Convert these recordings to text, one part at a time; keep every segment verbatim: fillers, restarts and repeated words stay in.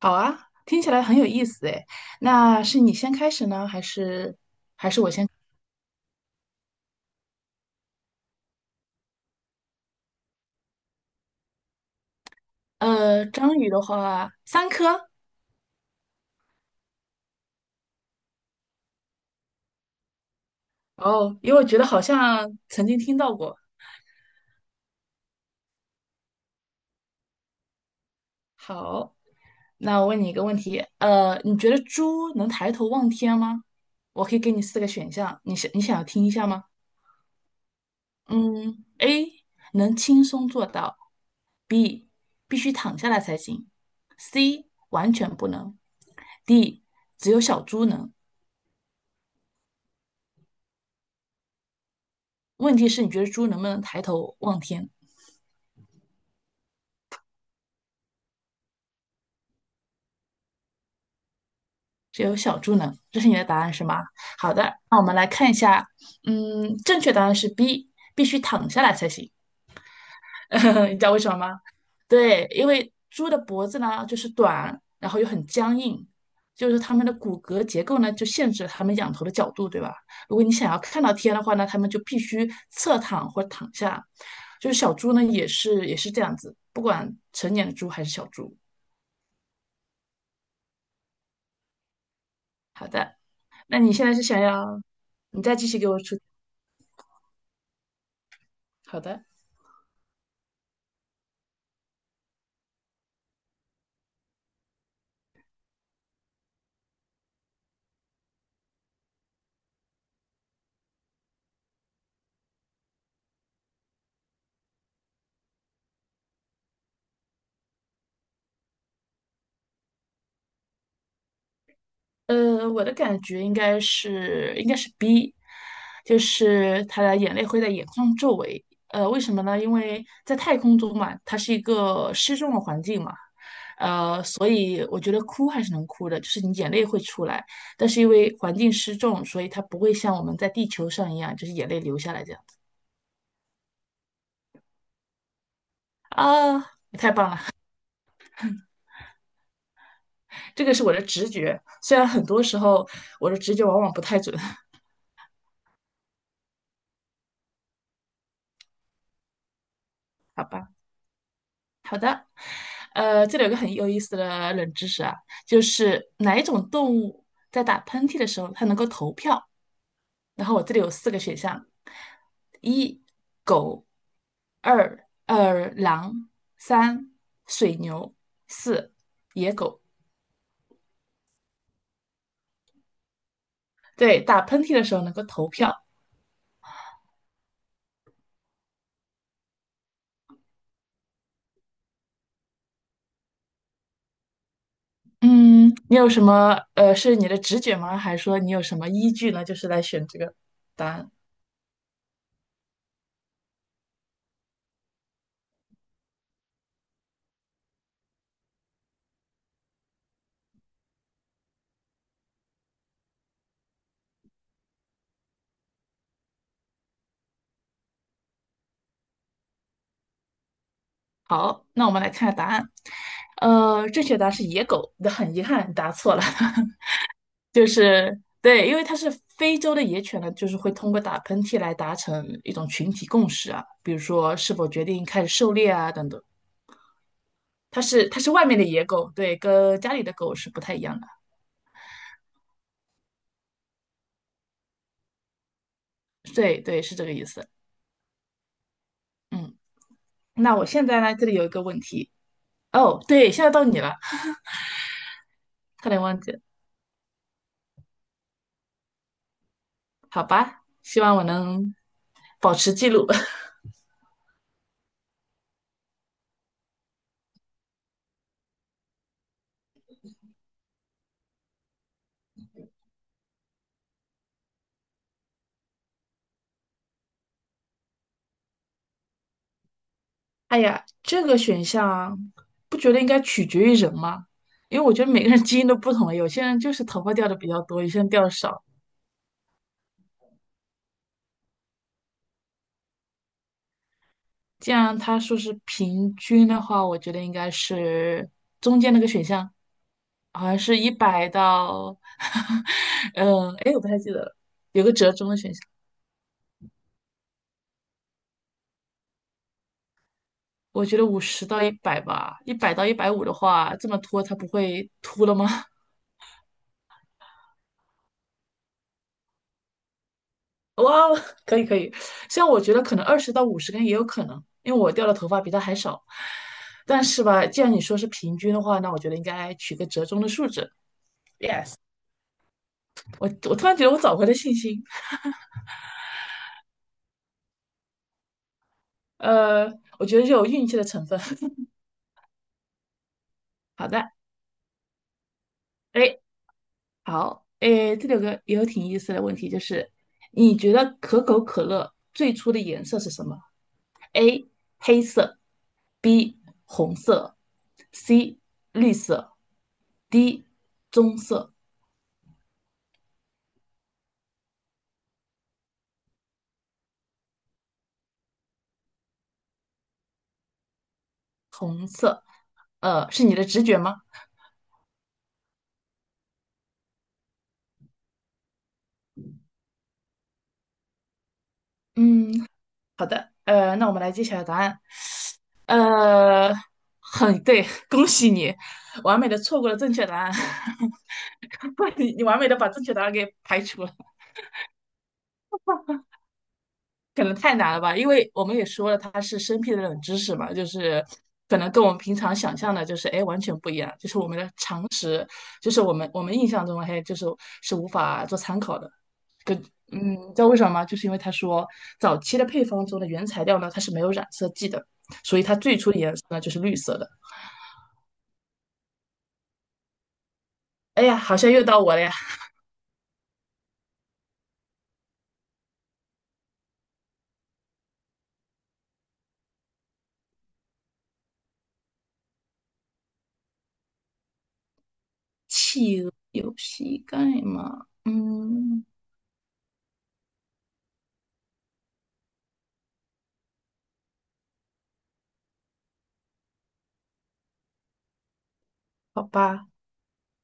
好啊，听起来很有意思诶。那是你先开始呢，还是呃，章鱼的话，三颗。哦，因为我觉得好像曾经听到过。好，那我问你一个问题，呃，你觉得猪能抬头望天吗？我可以给你四个选项，你想你想要听一下吗？嗯，A 能轻松做到，B 必须躺下来才行，C 完全不能，D 只有小猪能。问题是你觉得猪能不能抬头望天？只有小猪能，这是你的答案是吗？好的，嗯，正确答案是 B,必须躺下来才行。你知道为什么吗？对，因为猪的脖子呢就是短，然后又很僵硬，就是它们的骨骼结构呢就限制了它们仰头的角度，对吧？如果你想要看到天的话呢，它们就必须侧躺或躺下。就是小猪呢也是也是这样子，不管成年的猪还是小猪。好的，那你现在是想要你再继续给我出？好的，呃，我的感觉应该是应该是 B,就是他的眼泪会在眼眶周围。呃，为什么呢？因为在太空中嘛，它是一个失重的环境嘛，呃，所以我觉得哭还是能哭的，就是你眼泪会出来，但是因为环境失重，所以它不会像我们在地球上一样，就是眼泪流下来这样子。啊，太棒了。这个是我的直觉，虽然很多时候我的直觉往往不太准，好吧？呃，这里有个很有意思的冷知识啊，就是哪一种动物在打喷嚏的时候它能够投票？然后我这里有四个选项：一、狗；二、二狼；三、水牛；四、野狗。对，打喷嚏的时候能够投票。嗯，你有什么呃，是你的直觉吗？还是说你有什么依据呢？就是来选这个答案。好，那我们来看下答案。呃，正确答案是野狗，那很遗憾答错了。就是对，因为它是非洲的野犬呢，就是会通过打喷嚏来达成一种群体共识啊，比如说是否决定开始狩猎啊等等。它是它是外面的野狗，对，跟家里的狗是不太一样的。对对，是这个意思。嗯，那我现在呢，这里有一个问题。哦，对，现在到你了，差点忘记。好吧，希望我能保持记录。哎呀，这个选项不觉得应该取决于人吗？因为我觉得每个人基因都不同，有些人就是头发掉的比较多，有些人掉的少。既然他说是平均的话，我觉得应该是中间那个选项，好像是一百到，嗯，哎，我不太记得了，有个折中的选项。我觉得五十到一百吧，一百到一百五的话，这么拖它不会秃了吗？哇哦，可以可以，像我觉得可能二十到五十根也有可能，因为我掉的头发比他还少。但是吧，既然你说是平均的话，那我觉得应该取个折中的数值。耶，我我突然觉得我找回了信心。呃，我觉得就有运气的成分。好的，哎，好，哎，这里有个也有挺有意思的问题，就是你觉得可口可乐最初的颜色是什么？A 黑色，B 红色，C 绿色，D 棕色色。呃，是你的直觉吗？嗯，好的。呃，那我们来揭晓答案。呃，很对，恭喜你，完美的错过了正确答案。你你完美的把正确答案给排除了。可能太难了吧，因为我们也说了，它是生僻的冷知识嘛，就是可能跟我们平常想象的，就是哎完全不一样，就是我们的常识，就是我们我们印象中嘿，就是是无法做参考的。跟嗯，你知道为什么吗？就是因为他说早期的配方中的原材料呢，它是没有染色剂的，所以它最初的颜色呢就是绿色的。哎呀，好像又到我了呀，有膝盖吗？嗯，好吧。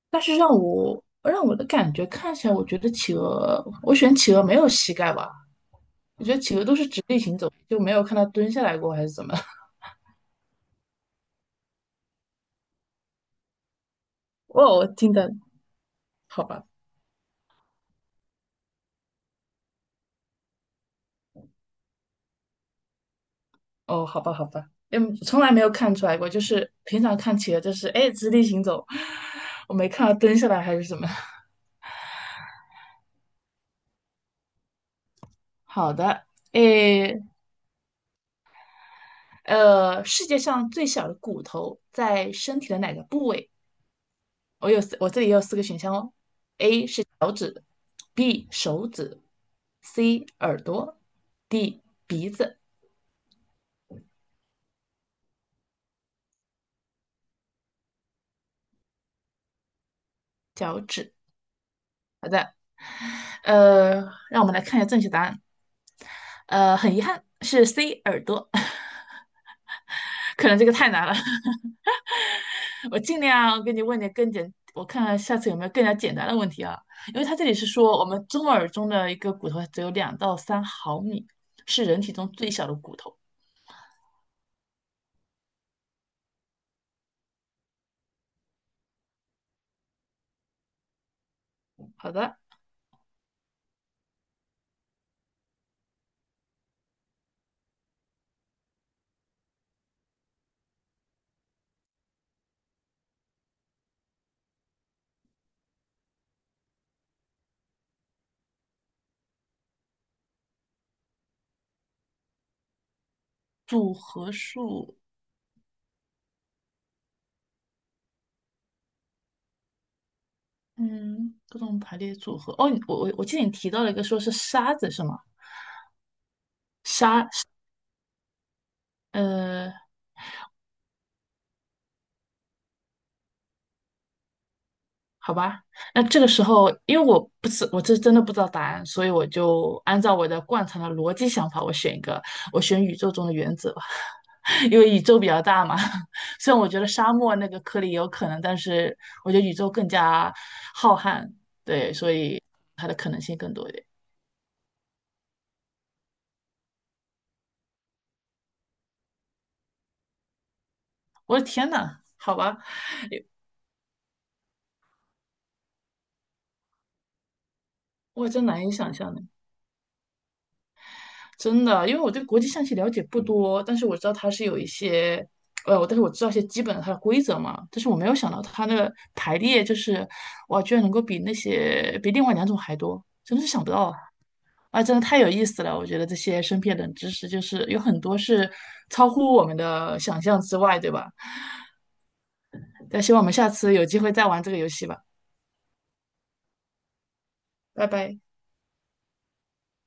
但是让我让我的感觉看起来，我觉得企鹅，我选企鹅没有膝盖吧？我觉得企鹅都是直立行走，就没有看它蹲下来过还是怎么？哦，我听的好吧，哦，好吧，好吧，嗯，从来没有看出来过，就是平常看企鹅就是哎直立行走，我没看到蹲下来还是怎么。好的，哎，呃，世界上最小的骨头在身体的哪个部位？我有四，我这里也有四个选项哦。B 手指，C 耳朵，D 鼻子、脚趾。好的，呃，让我们来看一下正确答案。呃，很遗憾是 C 耳朵，可能这个太难了。我尽量给你问点更简，我看看下次有没有更加简单的问题啊？因为它这里是说我们中耳中的一个骨头只有两到三毫米，是人体中最小的骨头。好的，组合数嗯，各种排列组合。哦，你我我我记得你提到了一个说是沙子是吗？呃，好吧，那这个时候因为我不是我这真的不知道答案，所以我就按照我的惯常的逻辑想法，我选一个，我选宇宙中的原子吧，因为宇宙比较大嘛。虽然我觉得沙漠那个颗粒也有可能，但是我觉得宇宙更加浩瀚，对，所以它的可能性更多一点。我的天呐，好吧，我真难以想象呢。真的，因为我对国际象棋了解不多，但是我知道它是有一些，呃，但是我知道一些基本的它的规则嘛，但是我没有想到它那个排列就是，哇，居然能够比那些比另外两种还多，真的是想不到啊！啊，真的太有意思了，我觉得这些身边的冷知识就是有很多是超乎我们的想象之外，对吧？那希望我们下次有机会再玩这个游戏吧，拜拜。